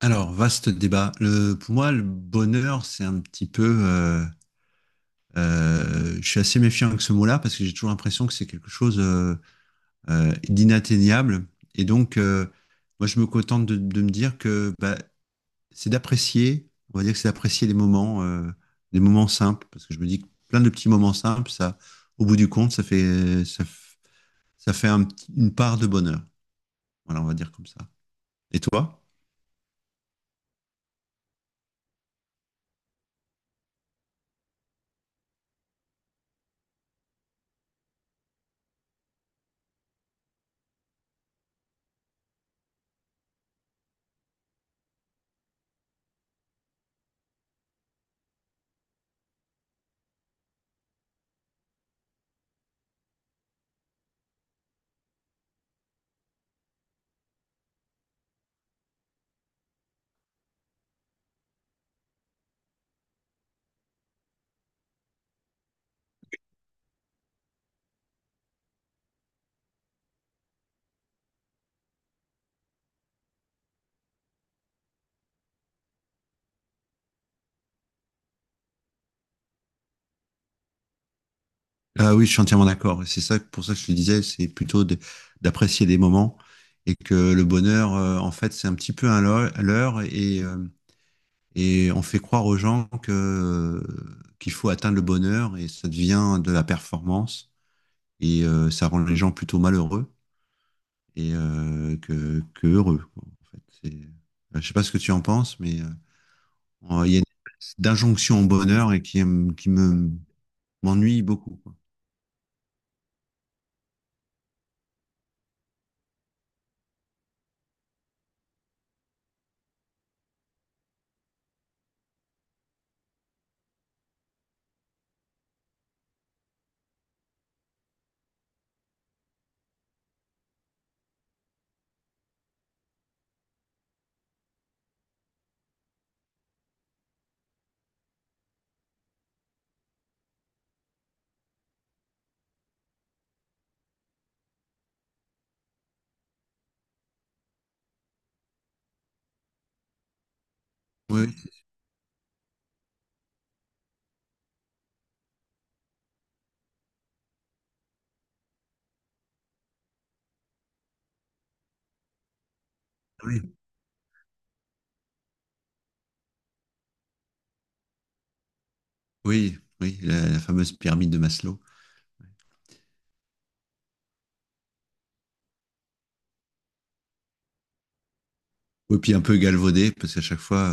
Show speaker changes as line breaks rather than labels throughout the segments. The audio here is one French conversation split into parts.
Alors, vaste débat. Pour moi, le bonheur, c'est un petit peu. Je suis assez méfiant avec ce mot-là parce que j'ai toujours l'impression que c'est quelque chose d'inatteignable. Et donc, moi, je me contente de me dire que bah, c'est d'apprécier. On va dire que c'est d'apprécier les moments, les moments simples, parce que je me dis que plein de petits moments simples, ça, au bout du compte, ça fait une part de bonheur. Voilà, on va dire comme ça. Et toi? Ah oui, je suis entièrement d'accord. Et c'est ça, pour ça que je te disais, c'est plutôt d'apprécier les moments et que le bonheur, en fait, c'est un petit peu un leurre et et on fait croire aux gens que qu'il faut atteindre le bonheur et ça devient de la performance et ça rend les gens plutôt malheureux et euh, que heureux, quoi, en fait. Je sais pas ce que tu en penses, mais il y a une espèce d'injonction au bonheur qui m'ennuie beaucoup, quoi. Oui, oui. Oui, oui, la fameuse pyramide de Maslow. Et puis un peu galvaudée, parce qu'à chaque fois,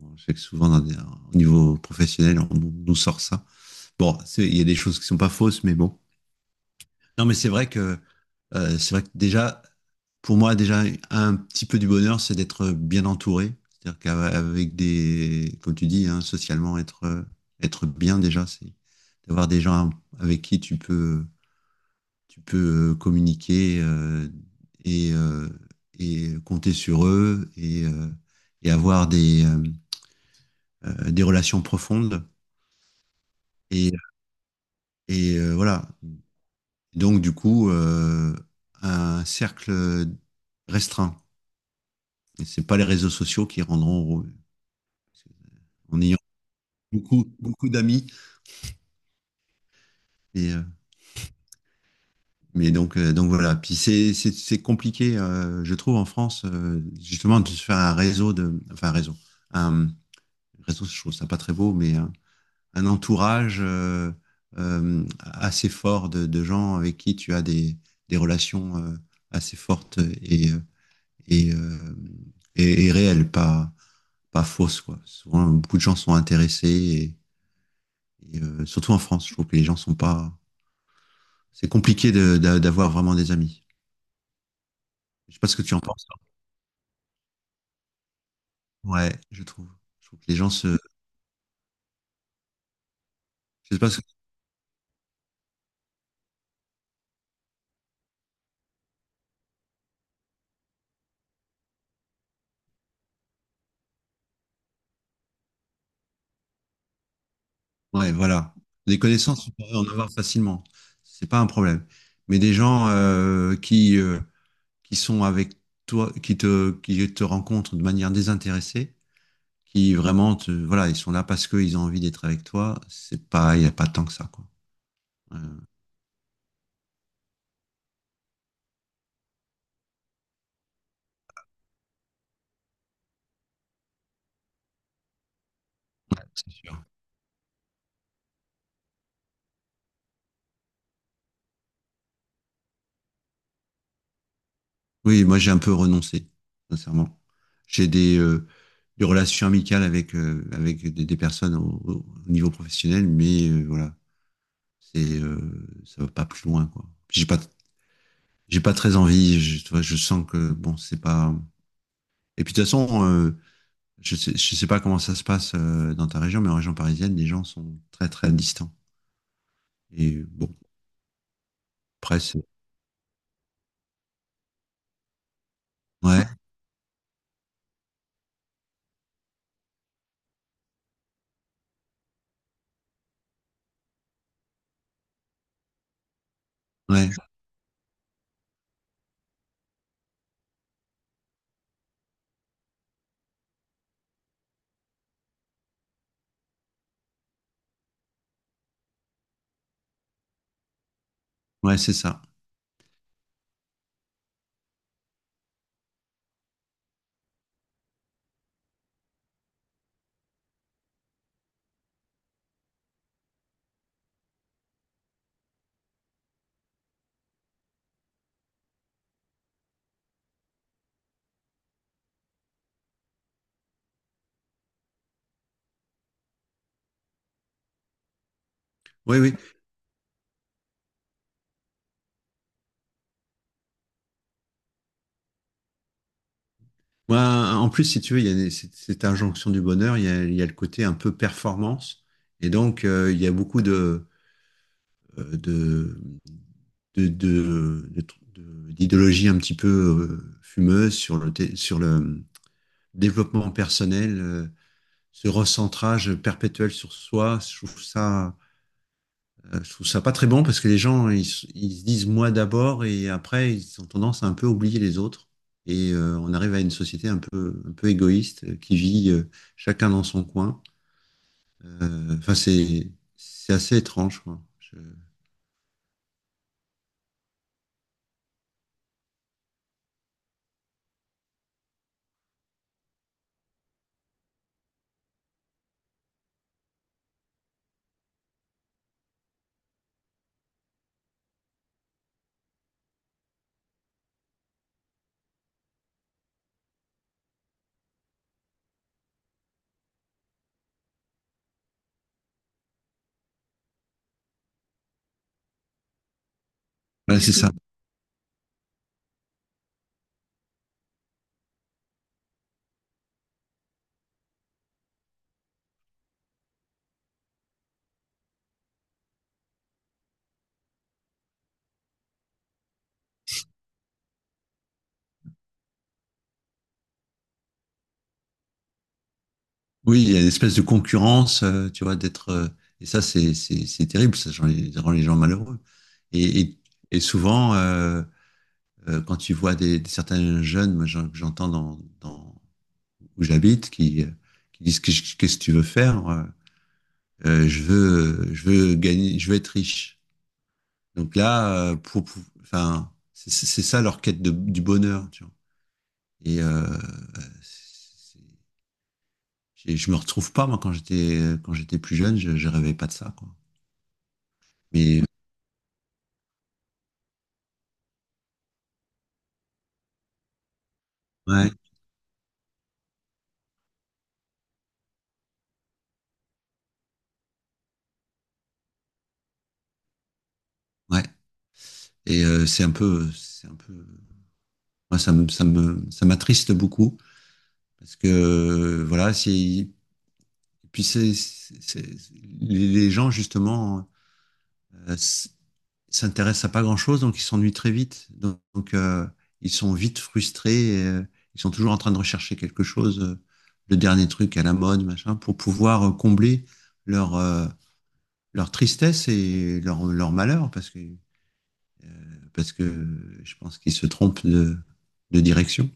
on sait que souvent, au niveau professionnel, on nous sort ça. Bon, il y a des choses qui sont pas fausses, mais bon. Non, mais c'est vrai que, c'est vrai que déjà, pour moi, déjà, un petit peu du bonheur, c'est d'être bien entouré. C'est-à-dire qu'avec des, comme tu dis, hein, socialement, être bien déjà, c'est d'avoir des gens avec qui tu peux communiquer et et compter sur eux et avoir des relations profondes. Et, voilà. Donc, du coup, un cercle restreint. Et c'est pas les réseaux sociaux qui rendront heureux. En ayant beaucoup, beaucoup d'amis. Et, euh, mais donc, voilà. Puis c'est compliqué, je trouve, en France, justement, de se faire un réseau enfin, un un, réseau, je trouve ça pas très beau, mais un entourage assez fort de gens avec qui tu as des relations assez fortes et, euh, et réelles, pas fausses. Quoi. Souvent, beaucoup de gens sont intéressés, et surtout en France, je trouve que les gens sont pas... C'est compliqué d'avoir vraiment des amis. Je sais pas ce que tu en penses. Ouais, je trouve. Je trouve que les gens se. Je sais pas ce Ouais, voilà. Des connaissances, on pourrait en avoir facilement. C'est pas un problème. Mais des gens qui sont avec toi, qui te rencontrent de manière désintéressée, qui vraiment te, voilà, ils sont là parce qu'ils ont envie d'être avec toi, c'est pas, il n'y a pas tant que ça, quoi. Euh, ouais, c'est sûr. Oui, moi j'ai un peu renoncé, sincèrement. J'ai des relations amicales avec des personnes au niveau professionnel, mais voilà, ça va pas plus loin, quoi. J'ai pas très envie. Je, tu vois, je sens que bon, c'est pas. Et puis de toute façon, je sais pas comment ça se passe dans ta région, mais en région parisienne, les gens sont très très distants. Et bon, après, c'est... Ouais, ouais, ouais, c'est ça. Oui, oui. Moi, en plus, si tu veux, il y a cette, cette injonction du bonheur, il y a le côté un peu performance, et donc il y a beaucoup euh, de d'idéologie un petit peu fumeuse sur le sur le développement personnel. Ce recentrage perpétuel sur soi, je trouve ça, je trouve ça pas très bon parce que les gens, ils se disent moi d'abord et après, ils ont tendance à un peu oublier les autres. Et on arrive à une société un peu égoïste qui vit chacun dans son coin. Enfin, c'est assez étrange, quoi. Voilà, c'est ça. Oui, il y a une espèce de concurrence, tu vois, d'être. Et ça, c'est terrible, ça rend les gens malheureux. Et, et, et souvent, quand tu vois des certains jeunes, moi j'entends dans, dans, où j'habite, qui disent qu'est-ce que tu veux faire je veux gagner, je veux être riche. Donc là, pour enfin, c'est ça leur quête de, du bonheur. Tu vois. Et euh, et je me retrouve pas moi quand j'étais plus jeune je rêvais pas de ça quoi mais ouais ouais et c'est un peu moi ça me ça me ça m'attriste beaucoup parce que voilà c'est Puis les gens, justement, euh, s'intéressent à pas grand-chose, donc ils s'ennuient très vite. Donc, ils sont vite frustrés. Ils sont toujours en train de rechercher quelque chose, le dernier truc à la mode, machin, pour pouvoir combler leur leur tristesse et leur malheur, parce que je pense qu'ils se de direction.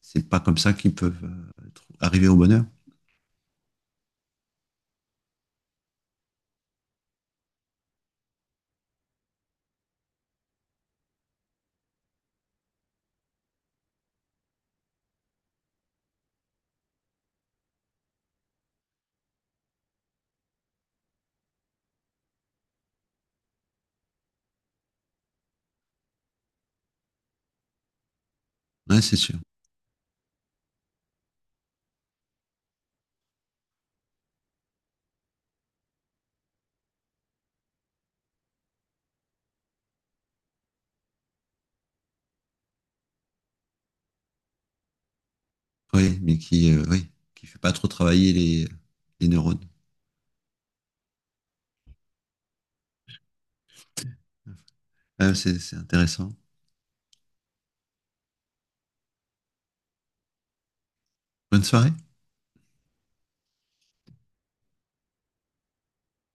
C'est pas comme ça qu'ils peuvent arriver au bonheur. Ouais, c'est sûr. Oui, mais qui, oui, qui fait pas trop travailler les neurones. Ah, c'est intéressant. Bonne soirée.